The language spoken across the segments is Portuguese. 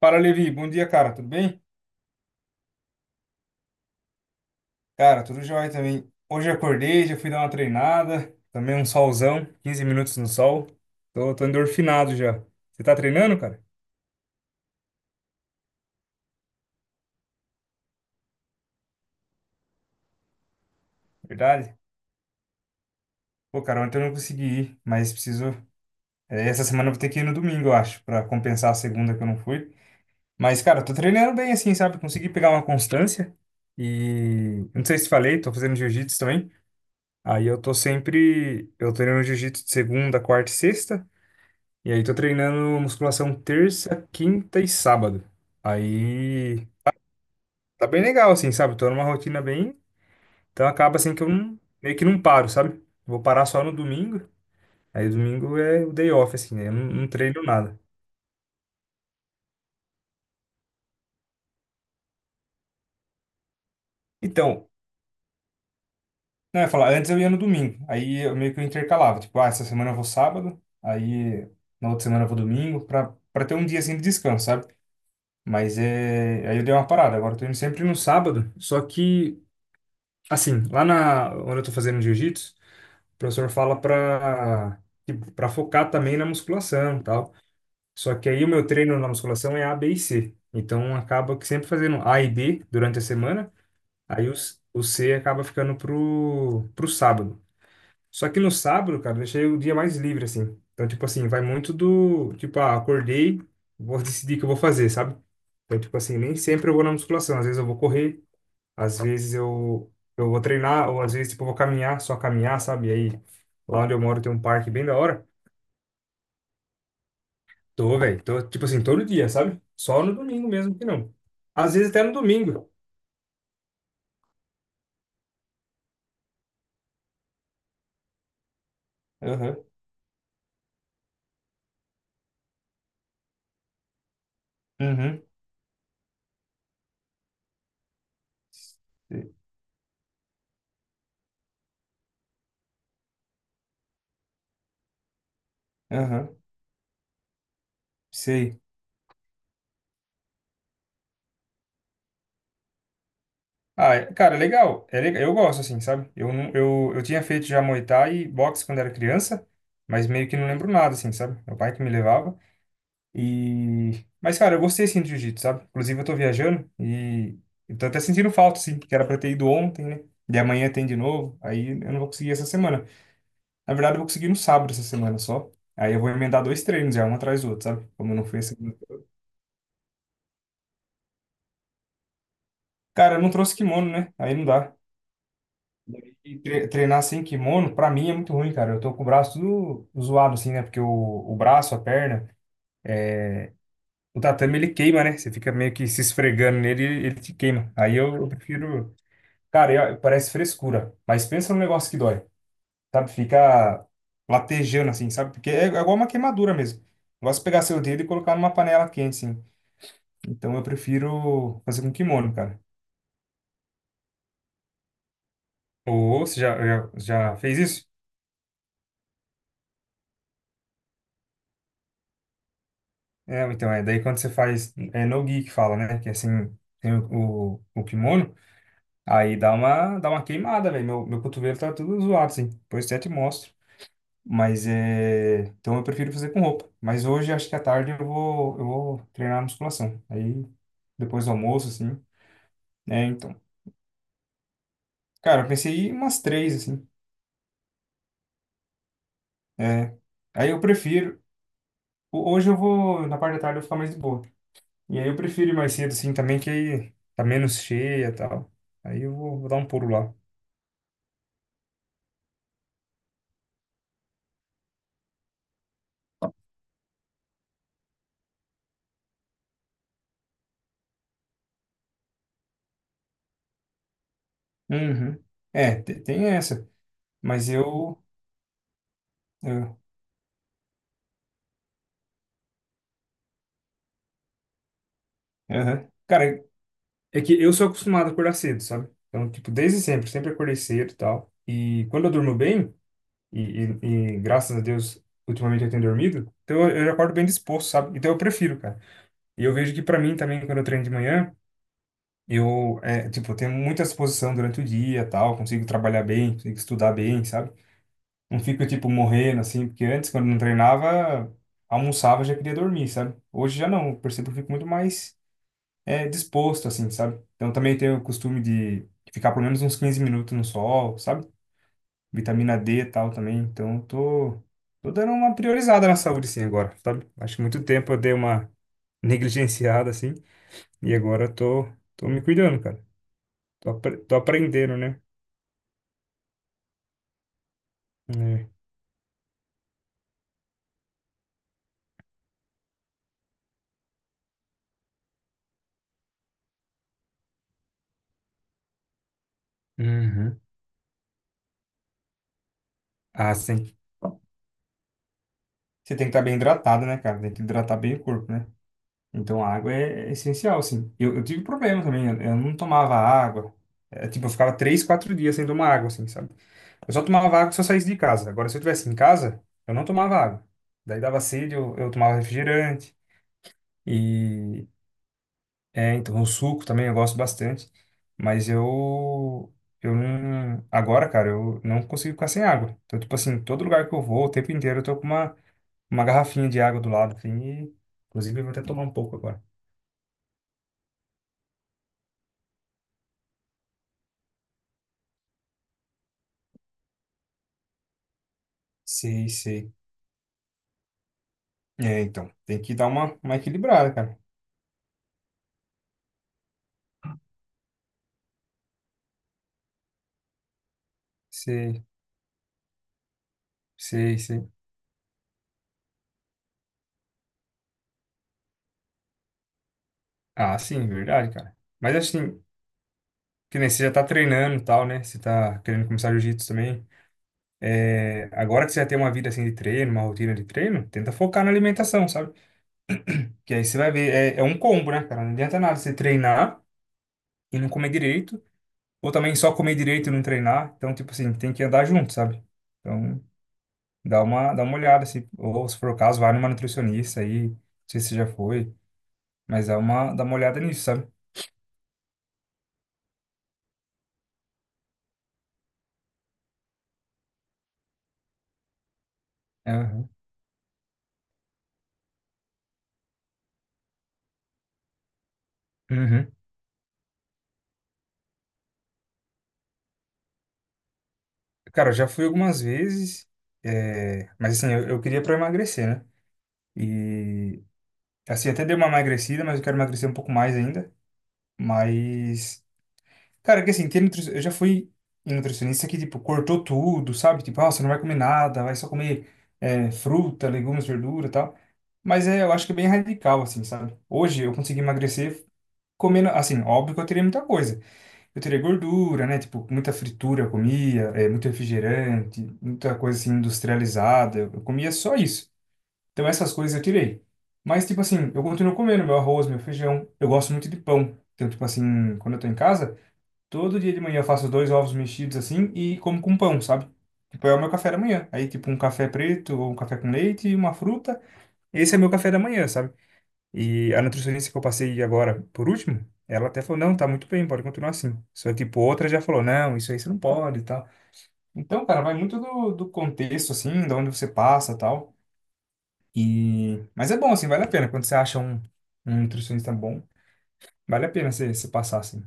Fala, Levi. Bom dia, cara. Tudo bem? Cara, tudo jóia também. Hoje eu acordei, já fui dar uma treinada. Também um solzão, 15 minutos no sol. Tô endorfinado já. Você tá treinando, cara? Verdade? Pô, cara, ontem eu não consegui ir, mas preciso. É, essa semana eu vou ter que ir no domingo, eu acho, pra compensar a segunda que eu não fui. Mas, cara, eu tô treinando bem assim, sabe? Consegui pegar uma constância. E não sei se falei, tô fazendo jiu-jitsu também. Aí eu tô sempre. Eu treino jiu-jitsu de segunda, quarta e sexta. E aí, tô treinando musculação terça, quinta e sábado. Aí, tá bem legal, assim, sabe? Tô numa rotina bem. Então acaba assim que eu não, meio que não paro, sabe? Vou parar só no domingo. Aí, domingo é o day off, assim, né? Eu não treino nada. Então, não, eu ia falar, antes eu ia no domingo. Aí eu meio que eu intercalava. Tipo, ah, essa semana eu vou sábado. Aí, na outra semana eu vou domingo. Pra ter um dia assim de descanso, sabe? Mas é. Aí eu dei uma parada. Agora eu tô indo sempre no sábado. Só que. Assim, lá na, onde eu tô fazendo jiu-jitsu, o professor fala para focar também na musculação, e tal. Só que aí o meu treino na musculação é A, B e C. Então acaba que sempre fazendo A e B durante a semana, aí o, o C acaba ficando pro sábado. Só que no sábado, cara, eu deixei o dia mais livre assim. Então tipo assim, vai muito do, tipo, ah, acordei, vou decidir o que eu vou fazer, sabe? Então, tipo assim, nem sempre eu vou na musculação. Às vezes eu vou correr, às vezes eu vou treinar, ou às vezes, tipo, eu vou caminhar, só caminhar, sabe? E aí, lá onde eu moro tem um parque bem da hora. Tô, velho, tô, tipo assim, todo dia, sabe? Só no domingo mesmo que não. Às vezes até no domingo. Aham, uhum, sei. Aham, sei. Ah, cara, é legal, eu gosto, assim, sabe? Eu, não- eu tinha feito já Muay Thai e boxe quando era criança, mas meio que não lembro nada, assim, sabe? Meu pai que me levava. E... Mas, cara, eu gostei, assim, do jiu-jitsu, sabe? Inclusive, eu tô viajando e eu tô até sentindo falta, assim, porque era pra ter ido ontem, né? E amanhã tem de novo, aí eu não vou conseguir essa semana. Na verdade, eu vou conseguir no sábado essa semana só. Aí eu vou emendar 2 treinos já, um atrás do outro, sabe? Como eu não fui essa... Cara, eu não trouxe kimono, né? Aí não dá. E treinar sem kimono, pra mim, é muito ruim, cara. Eu tô com o braço tudo zoado, assim, né? Porque o braço, a perna, o tatame, ele queima, né? Você fica meio que se esfregando nele e ele te queima. Aí eu prefiro... Cara, parece frescura, mas pensa num negócio que dói, sabe? Fica latejando assim, sabe? Porque é, é igual uma queimadura mesmo. Eu gosto de pegar seu dedo e colocar numa panela quente, assim. Então eu prefiro fazer com kimono, cara. Ou você já fez isso? É, então é. Daí quando você faz, é no-gi que fala, né? Que é assim, tem o, o kimono, aí dá uma queimada, velho. Meu cotovelo tá tudo zoado, assim. Depois eu até te mostro. Mas é. Então eu prefiro fazer com roupa. Mas hoje, acho que à tarde, eu vou treinar musculação. Aí, depois do almoço, assim. É, então. Cara, eu pensei em umas 3, assim. É. Aí eu prefiro. Hoje eu vou. Na parte da tarde eu vou ficar mais de boa. E aí eu prefiro ir mais cedo, assim, também, que aí tá menos cheia e tal. Aí eu vou dar um pulo lá. Uhum. É, tem essa. Mas eu. eu- Aham. Cara, é que eu sou acostumado a acordar cedo, sabe? Então, tipo, desde sempre, sempre acordei cedo e tal. E quando eu durmo bem, e, e, e graças a Deus, ultimamente eu tenho dormido, então eu acordo bem disposto, sabe? Então eu prefiro, cara. E eu vejo que pra mim também, quando eu treino de manhã, eu tenho muita disposição durante o dia e tal, consigo trabalhar bem, consigo estudar bem, sabe? Não fico, tipo, morrendo, assim, porque antes, quando não treinava, almoçava, já queria dormir, sabe? Hoje já não, eu percebo que eu fico muito mais disposto, assim, sabe? Então também tenho o costume de ficar pelo menos uns 15 minutos no sol, sabe? Vitamina D e tal também. Então tô dando uma priorizada na saúde, sim, agora, sabe? Acho que muito tempo eu dei uma negligenciada, assim, e agora eu tô me cuidando, cara. Tô, tô aprendendo, né? É. Uhum. Ah, sim. Você tem que estar bem hidratado, né, cara? Tem que hidratar bem o corpo, né? Então, a água é essencial, assim. Eu tive problema também, eu não tomava água. É, tipo, eu ficava 3, 4 dias sem tomar água, assim, sabe? Eu só tomava água se eu saísse de casa. Agora, se eu estivesse em casa, eu não tomava água. Daí dava sede, eu tomava refrigerante. E, é, então, o suco também eu gosto bastante. Mas eu não... Agora, cara, eu não consigo ficar sem água. Então, tipo assim, todo lugar que eu vou, o tempo inteiro, eu tô com uma garrafinha de água do lado, assim, e, inclusive, eu vou até tomar um pouco agora. Sei, sei. É, então, tem que dar uma equilibrada, cara. Sei, sei, sei. Ah, sim, verdade, cara. Mas assim, que nem você já tá treinando e tal, né? Você tá querendo começar jiu-jitsu também. É, agora que você já tem uma vida assim de treino, uma rotina de treino, tenta focar na alimentação, sabe? Que aí você vai ver, é um combo, né, cara? Não adianta nada você treinar e não comer direito, ou também só comer direito e não treinar. Então, tipo assim, tem que andar junto, sabe? Então, dá uma olhada, se, ou se for o caso, vai numa nutricionista aí, não sei se você já foi. Mas dá uma olhada nisso, sabe? Aham. Uhum. Cara, eu já fui algumas vezes, mas assim, eu queria pra emagrecer, né? E assim, até dei uma emagrecida, mas eu quero emagrecer um pouco mais ainda. Mas, cara, é que assim, tem eu já fui em nutricionista que, tipo, cortou tudo, sabe? Tipo, ah, você não vai comer nada, vai só comer fruta, legumes, verdura e tal. Mas é, eu acho que é bem radical, assim, sabe? Hoje eu consegui emagrecer comendo, assim, óbvio que eu teria muita coisa. Eu teria gordura, né? Tipo, muita fritura eu comia, muito refrigerante, muita coisa assim industrializada. Eu comia só isso. Então essas coisas eu tirei. Mas, tipo assim, eu continuo comendo meu arroz, meu feijão. Eu gosto muito de pão. Então, tipo assim, quando eu tô em casa, todo dia de manhã eu faço 2 ovos mexidos assim e como com pão, sabe? Tipo, é o meu café da manhã. Aí, tipo, um café preto ou um café com leite e uma fruta. Esse é meu café da manhã, sabe? E a nutricionista que eu passei agora, por último, ela até falou, não, tá muito bem, pode continuar assim. Só, tipo, outra já falou, não, isso aí você não pode e tal. Então, cara, vai muito do, do contexto, assim, de onde você passa e tal. E... Mas é bom, assim, vale a pena. Quando você acha um, um nutricionista bom, vale a pena você, você passar, assim.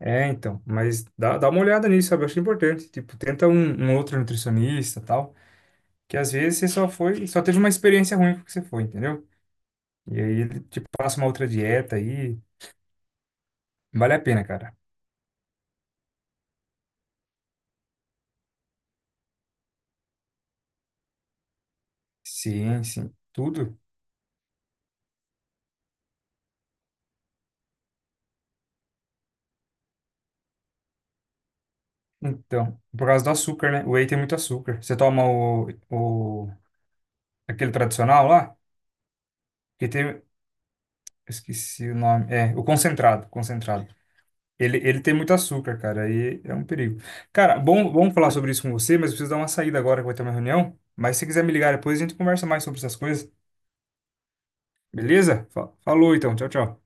É, então, mas dá uma olhada nisso, sabe? Eu acho importante. Tipo, tenta um, um outro nutricionista e tal, que às vezes você só foi, só teve uma experiência ruim com o que você foi, entendeu? E aí ele te passa uma outra dieta aí, vale a pena, cara. Sim, sim. Tudo. Então, por causa do açúcar, né? O whey tem muito açúcar. Você toma o, aquele tradicional lá, que tem, eu esqueci o nome, é, o concentrado, concentrado. Ele tem muito açúcar, cara, aí é um perigo. Cara, bom, bom falar sobre isso com você, mas eu preciso dar uma saída agora que vai ter uma reunião. Mas se quiser me ligar depois, a gente conversa mais sobre essas coisas, beleza? Falou então, tchau, tchau.